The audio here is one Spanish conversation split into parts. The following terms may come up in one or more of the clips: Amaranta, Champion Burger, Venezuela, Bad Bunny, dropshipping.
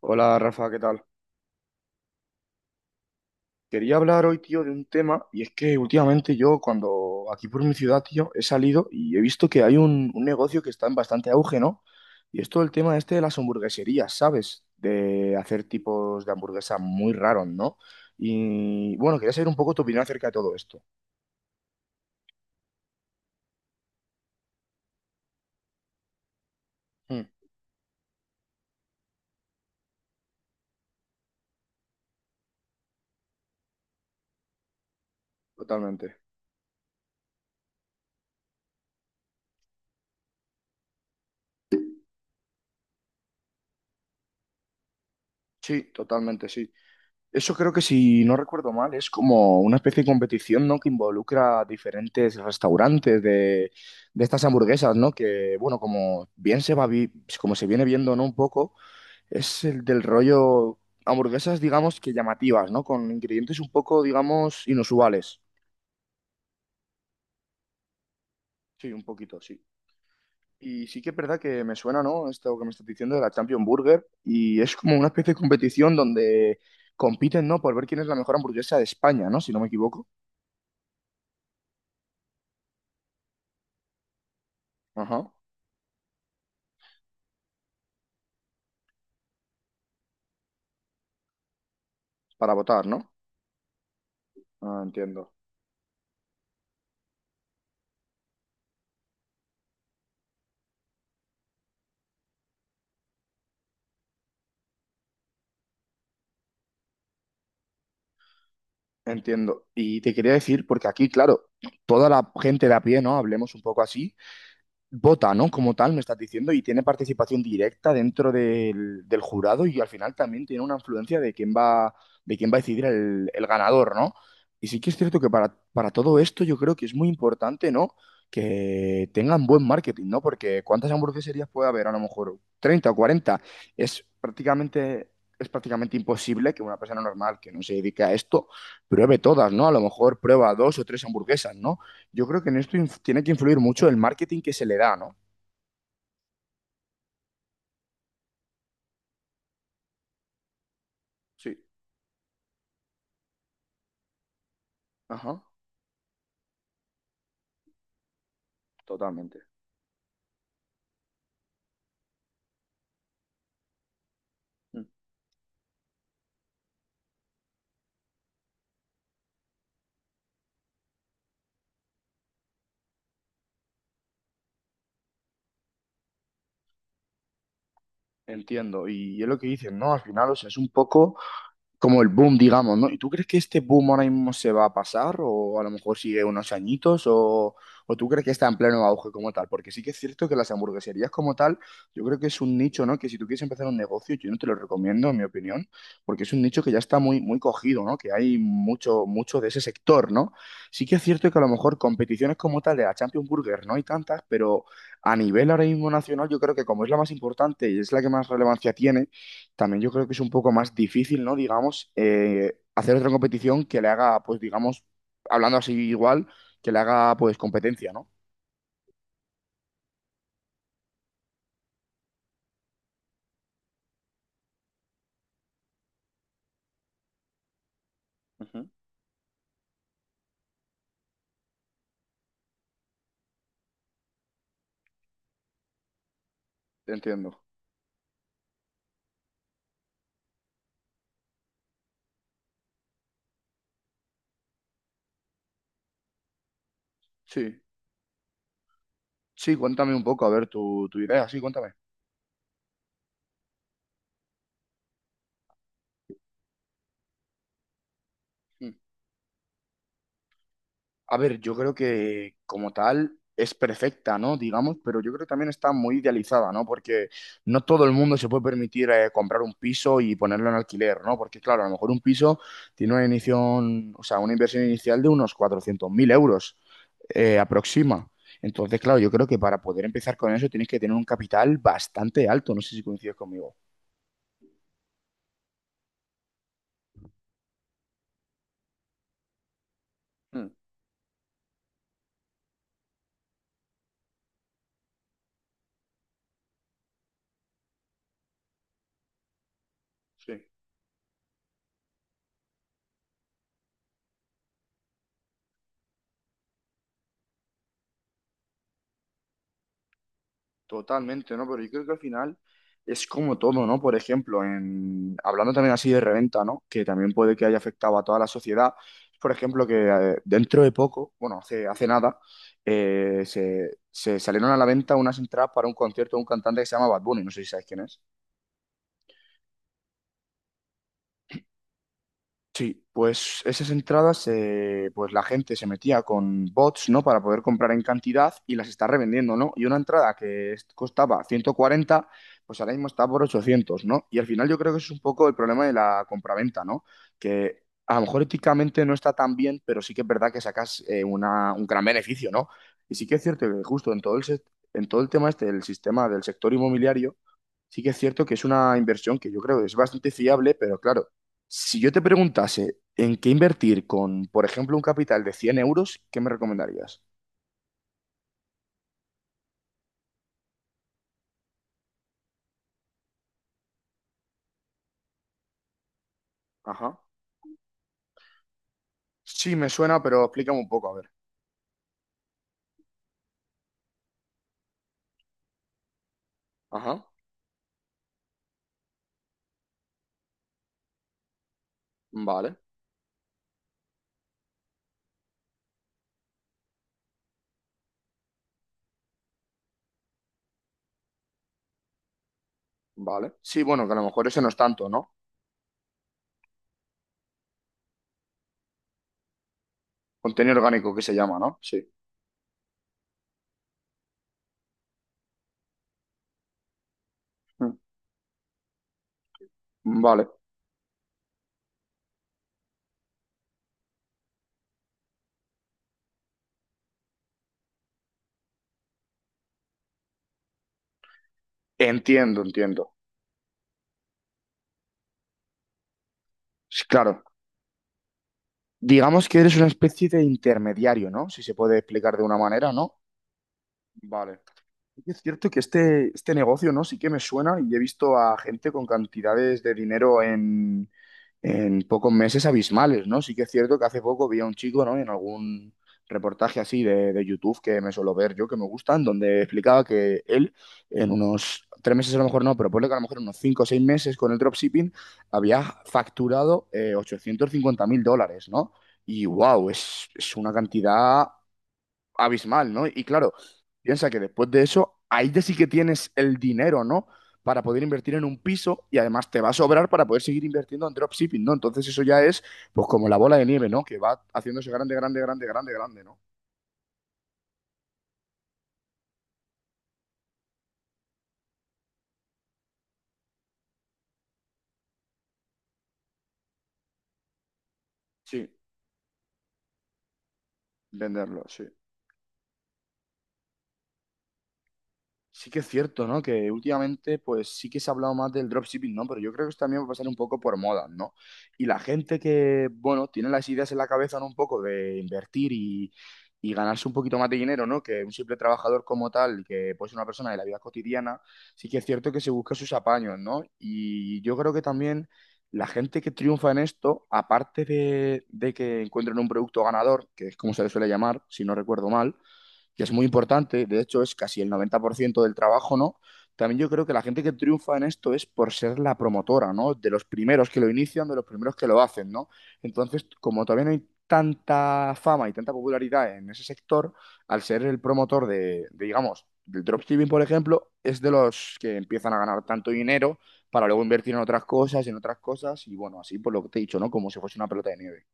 Hola Rafa, ¿qué tal? Quería hablar hoy, tío, de un tema, y es que últimamente yo, cuando aquí por mi ciudad, tío, he salido y he visto que hay un negocio que está en bastante auge, ¿no? Y es todo el tema este de las hamburgueserías, ¿sabes? De hacer tipos de hamburguesa muy raros, ¿no? Y bueno, quería saber un poco tu opinión acerca de todo esto. Mm, totalmente. Sí, totalmente, sí. Eso creo que si no recuerdo mal, es como una especie de competición, ¿no? Que involucra diferentes restaurantes de estas hamburguesas, ¿no? Que, bueno, como bien como se viene viendo, ¿no? Un poco, es el del rollo hamburguesas, digamos, que llamativas, ¿no? Con ingredientes un poco, digamos, inusuales. Sí, un poquito, sí. Y sí que es verdad que me suena, ¿no? Esto que me estás diciendo de la Champion Burger. Y es como una especie de competición donde compiten, ¿no? Por ver quién es la mejor hamburguesa de España, ¿no? Si no me equivoco. Ajá. Para votar, ¿no? Ah, entiendo, entiendo. Y te quería decir, porque aquí, claro, toda la gente de a pie, ¿no? Hablemos un poco así, vota, ¿no? Como tal, me estás diciendo, y tiene participación directa dentro del jurado y al final también tiene una influencia de quién va, a decidir el ganador, ¿no? Y sí que es cierto que para todo esto yo creo que es muy importante, ¿no? Que tengan buen marketing, ¿no? Porque ¿cuántas hamburgueserías puede haber? A lo mejor 30 o 40. Es prácticamente, es prácticamente imposible que una persona normal que no se dedique a esto pruebe todas, ¿no? A lo mejor prueba 2 o 3 hamburguesas, ¿no? Yo creo que en esto tiene que influir mucho el marketing que se le da, ¿no? Sí, ajá, totalmente. Mm. Entiendo. Y es lo que dicen, ¿no? Al final, o sea, es un poco como el boom, digamos, ¿no? ¿Y tú crees que este boom ahora mismo se va a pasar o a lo mejor sigue unos añitos o tú crees que está en pleno auge como tal? Porque sí que es cierto que las hamburgueserías como tal, yo creo que es un nicho, ¿no? Que si tú quieres empezar un negocio, yo no te lo recomiendo, en mi opinión, porque es un nicho que ya está muy, muy cogido, ¿no? Que hay mucho, mucho de ese sector, ¿no? Sí que es cierto que a lo mejor competiciones como tal de la Champions Burger no hay tantas, pero a nivel ahora mismo nacional, yo creo que como es la más importante y es la que más relevancia tiene, también yo creo que es un poco más difícil, ¿no? Digamos, hacer otra competición que le haga, pues digamos, hablando así igual, que le haga pues competencia, ¿no? Ujú. Te entiendo. Sí. Sí, cuéntame un poco, a ver tu, idea, sí, cuéntame. A ver, yo creo que como tal es perfecta, ¿no? Digamos, pero yo creo que también está muy idealizada, ¿no? Porque no todo el mundo se puede permitir comprar un piso y ponerlo en alquiler, ¿no? Porque claro, a lo mejor un piso tiene una inición, o sea, una inversión inicial de unos 400.000 euros, aproxima. Entonces, claro, yo creo que para poder empezar con eso tienes que tener un capital bastante alto. No sé si coincides conmigo. Mm, sí. Totalmente, ¿no? Pero yo creo que al final es como todo, ¿no? Por ejemplo, hablando también así de reventa, ¿no? Que también puede que haya afectado a toda la sociedad. Por ejemplo, que dentro de poco, bueno, hace nada, se salieron a la venta unas entradas para un concierto de un cantante que se llama Bad Bunny, no sé si sabes quién es. Sí, pues esas entradas, pues la gente se metía con bots, ¿no? Para poder comprar en cantidad y las está revendiendo, ¿no? Y una entrada que costaba 140, pues ahora mismo está por 800, ¿no? Y al final yo creo que eso es un poco el problema de la compraventa, ¿no? Que a lo mejor éticamente no está tan bien, pero sí que es verdad que sacas un gran beneficio, ¿no? Y sí que es cierto que justo en todo en todo el tema este del sistema del sector inmobiliario, sí que es cierto que es una inversión que yo creo que es bastante fiable, pero claro si yo te preguntase en qué invertir con, por ejemplo, un capital de 100 euros, ¿qué me recomendarías? Ajá, sí, me suena, pero explícame un poco, a ver. Ajá, vale, vale, sí, bueno, que a lo mejor ese no es tanto, ¿no? Contenido orgánico que se llama, ¿no? Sí. Mm, vale, entiendo, entiendo. Sí, claro, digamos que eres una especie de intermediario, ¿no? Si se puede explicar de una manera, ¿no? Vale, y es cierto que este negocio, ¿no? Sí que me suena y he visto a gente con cantidades de dinero en pocos meses abismales, ¿no? Sí que es cierto que hace poco vi a un chico, ¿no? En algún reportaje así de YouTube que me suelo ver yo, que me gustan, donde explicaba que él en unos 3 meses a lo mejor no, pero ponle que a lo mejor en unos 5 o 6 meses con el dropshipping había facturado 850.000 dólares, ¿no? Y wow, es una cantidad abismal, ¿no? Y claro, piensa que después de eso, ahí ya sí que tienes el dinero, ¿no? Para poder invertir en un piso y además te va a sobrar para poder seguir invirtiendo en dropshipping, ¿no? Entonces eso ya es pues como la bola de nieve, ¿no? Que va haciéndose grande, grande, grande, grande, grande, ¿no? Sí, venderlo, sí. Sí que es cierto, ¿no? Que últimamente, pues sí que se ha hablado más del dropshipping, ¿no? Pero yo creo que eso también va a pasar un poco por moda, ¿no? Y la gente que, bueno, tiene las ideas en la cabeza, ¿no? Un poco de invertir y ganarse un poquito más de dinero, ¿no? Que un simple trabajador como tal, que puede ser una persona de la vida cotidiana, sí que es cierto que se busca sus apaños, ¿no? Y yo creo que también la gente que triunfa en esto, aparte de, que encuentren un producto ganador, que es como se le suele llamar, si no recuerdo mal, que es muy importante, de hecho es casi el 90% del trabajo, ¿no? También yo creo que la gente que triunfa en esto es por ser la promotora, ¿no? De los primeros que lo inician, de los primeros que lo hacen, ¿no? Entonces, como todavía no hay tanta fama y tanta popularidad en ese sector, al ser el promotor de, digamos, del dropshipping, por ejemplo, es de los que empiezan a ganar tanto dinero para luego invertir en otras cosas, y bueno, así por lo que te he dicho, ¿no? Como si fuese una pelota de nieve.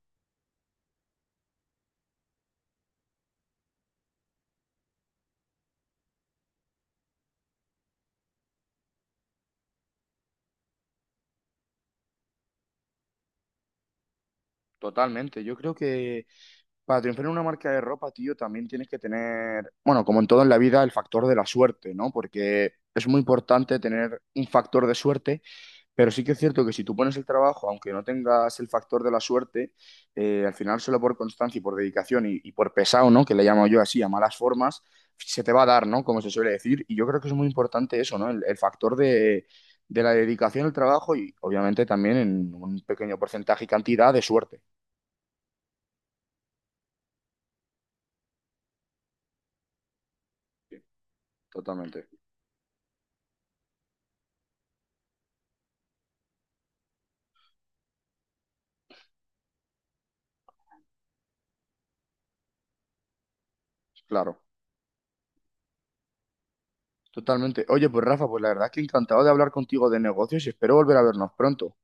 Totalmente, yo creo que para triunfar en una marca de ropa, tío, también tienes que tener, bueno, como en todo en la vida, el factor de la suerte, ¿no? Porque es muy importante tener un factor de suerte, pero sí que es cierto que si tú pones el trabajo, aunque no tengas el factor de la suerte, al final solo por constancia y por dedicación y por pesado, ¿no? Que le llamo yo así, a malas formas, se te va a dar, ¿no? Como se suele decir. Y yo creo que es muy importante eso, ¿no? El factor de la dedicación al trabajo y obviamente también en un pequeño porcentaje y cantidad de suerte. Sí, totalmente, claro. Totalmente. Oye, pues Rafa, pues la verdad es que encantado de hablar contigo de negocios y espero volver a vernos pronto.